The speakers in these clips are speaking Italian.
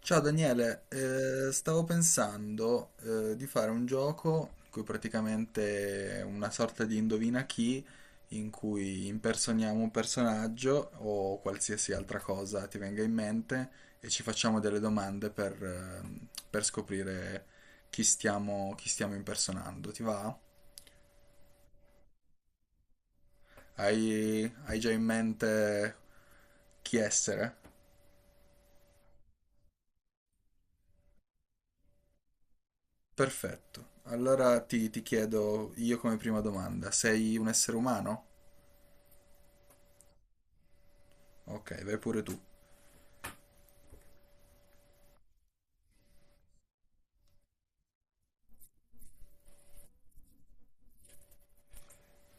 Ciao Daniele, stavo pensando di fare un gioco in cui praticamente è una sorta di indovina chi, in cui impersoniamo un personaggio o qualsiasi altra cosa ti venga in mente e ci facciamo delle domande per scoprire chi stiamo impersonando. Ti va? Hai già in mente chi essere? Perfetto. Allora ti chiedo io come prima domanda, sei un essere umano? Ok, vai pure tu.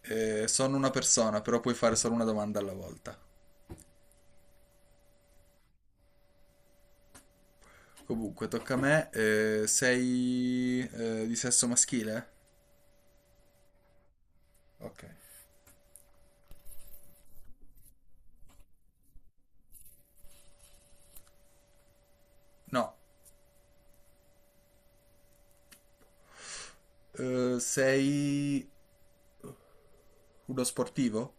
Sono una persona, però puoi fare solo una domanda alla volta. Comunque, tocca a me. Sei di sesso maschile? Ok. No. Sei uno sportivo?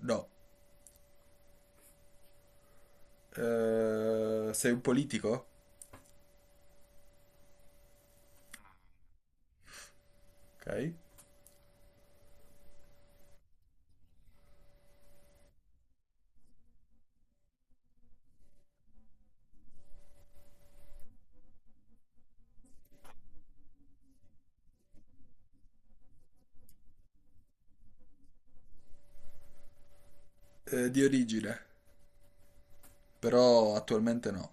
No. Sei un politico? Ok. Di origine, però attualmente no.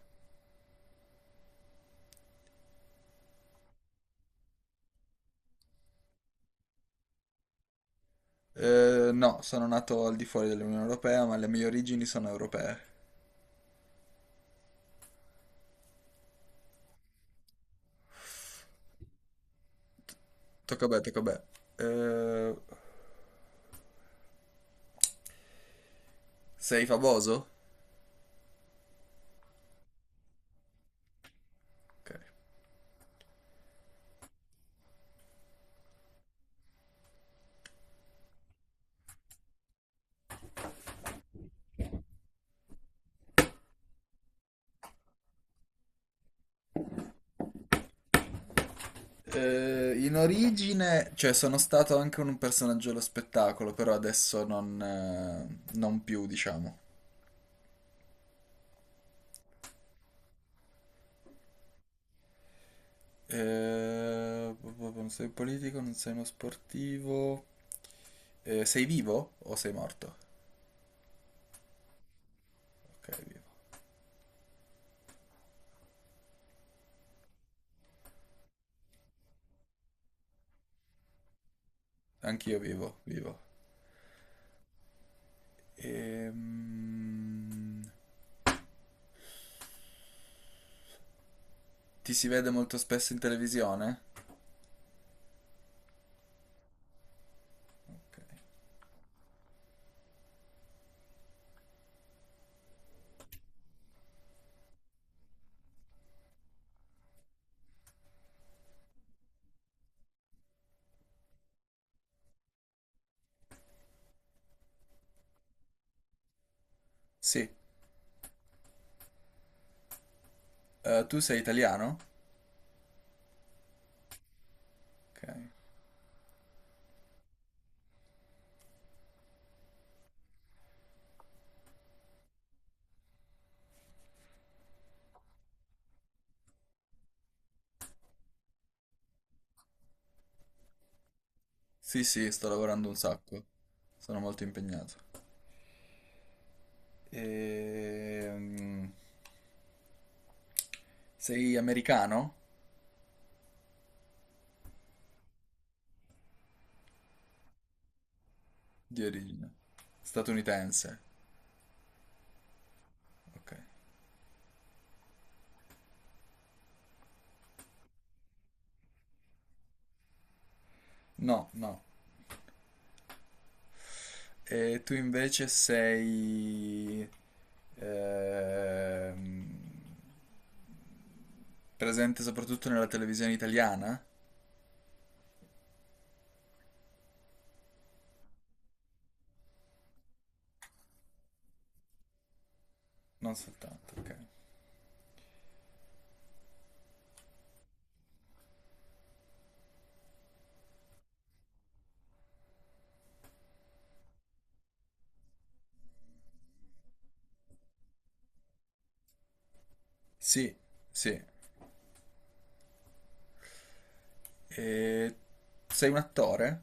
No, sono nato al di fuori dell'Unione Europea, ma le mie origini sono europee. Tocca a me. Eh, sei famoso? Ok. In origine, cioè sono stato anche un personaggio dello spettacolo, però adesso non più, diciamo. Non sei un politico, non sei uno sportivo. Sei vivo o sei morto? Ok, vivo. Anch'io vivo. Ehm... Ti si vede molto spesso in televisione? Ok. Sì. Tu sei italiano? Ok. Sì, sì, sto lavorando un sacco. Sono molto impegnato. Ehm, Sei americano? Di origine. Statunitense. Ok. No, no. E tu invece sei... ehm, Presente soprattutto nella televisione italiana? Non soltanto, ok. Sì, sì. Eh, sei un attore?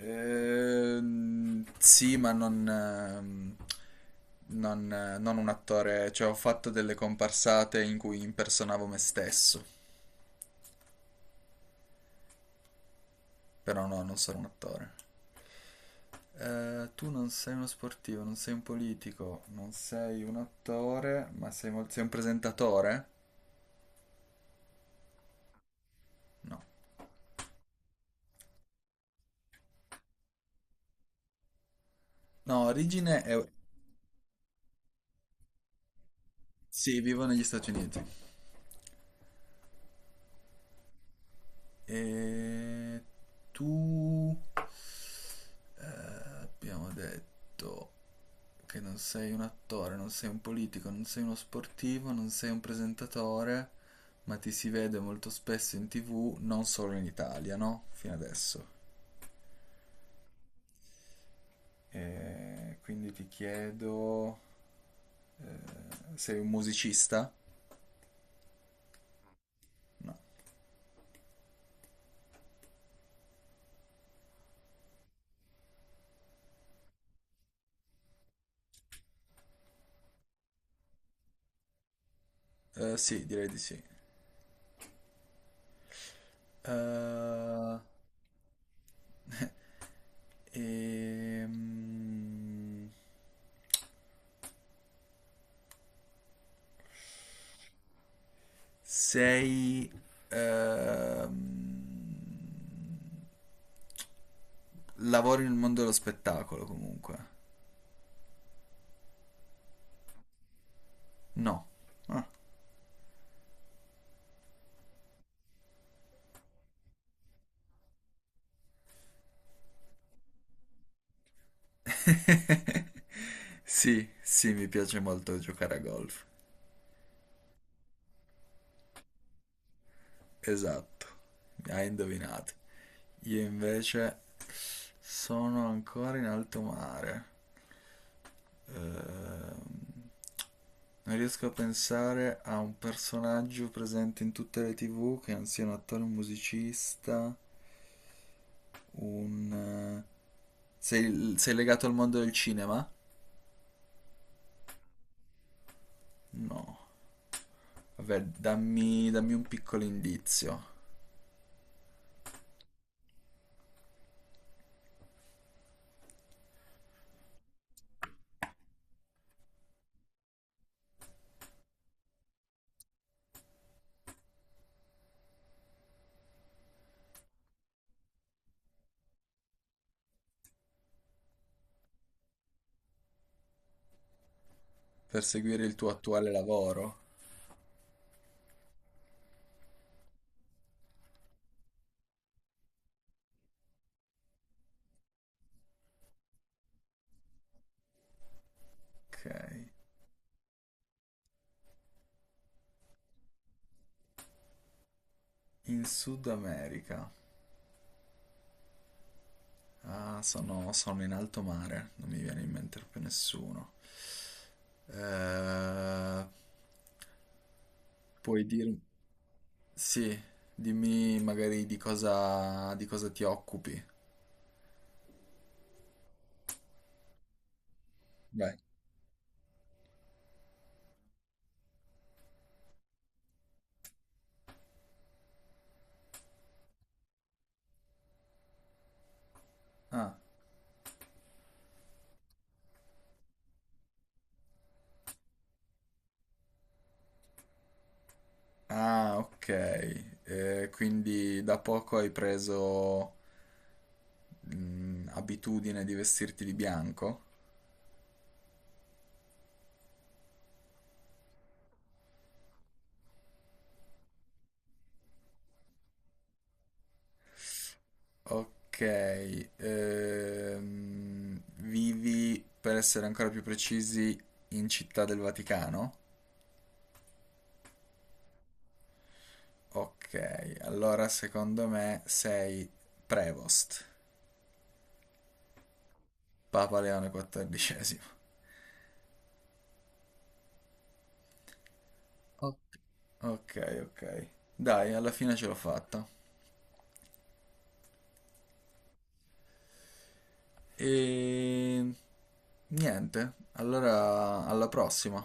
Sì, ma non un attore, cioè ho fatto delle comparsate in cui impersonavo me stesso, però no, non sono un attore. Tu non sei uno sportivo, non sei un politico, non sei un attore, ma sei un presentatore? No. No, origine è... Sì, vivo negli Stati Uniti. E tu abbiamo detto che non sei un attore, non sei un politico, non sei uno sportivo, non sei un presentatore, ma ti si vede molto spesso in TV, non solo in Italia, no? Fino adesso. E quindi ti chiedo, sei un musicista? No. Sì, direi di sì. Eh, ehm, Sei... ehm, lavori nel mondo dello spettacolo comunque. No. Ah. Sì, sì, mi piace molto giocare a golf. Esatto. Hai indovinato. Io invece sono ancora in alto mare. Ehm, non riesco a pensare a un personaggio presente in tutte le TV che non sia un attore o un musicista. Un... sei legato al mondo del cinema? No. Vabbè, dammi un piccolo indizio per seguire il tuo attuale lavoro. Ok. In Sud America. Ah, sono in alto mare, non mi viene in mente più nessuno. Eh, puoi dirmi... Sì, dimmi magari di cosa ti occupi. Vai. Ah, ah, ok. Quindi da poco hai preso mm, abitudine di vestirti di bianco? Ok, vivi, per essere ancora più precisi, in Città del Vaticano? Ok, allora secondo me sei Prevost, Papa Leone XIV. Ok. Ok, ok. Dai, alla fine ce l'ho fatta. E niente, allora alla prossima.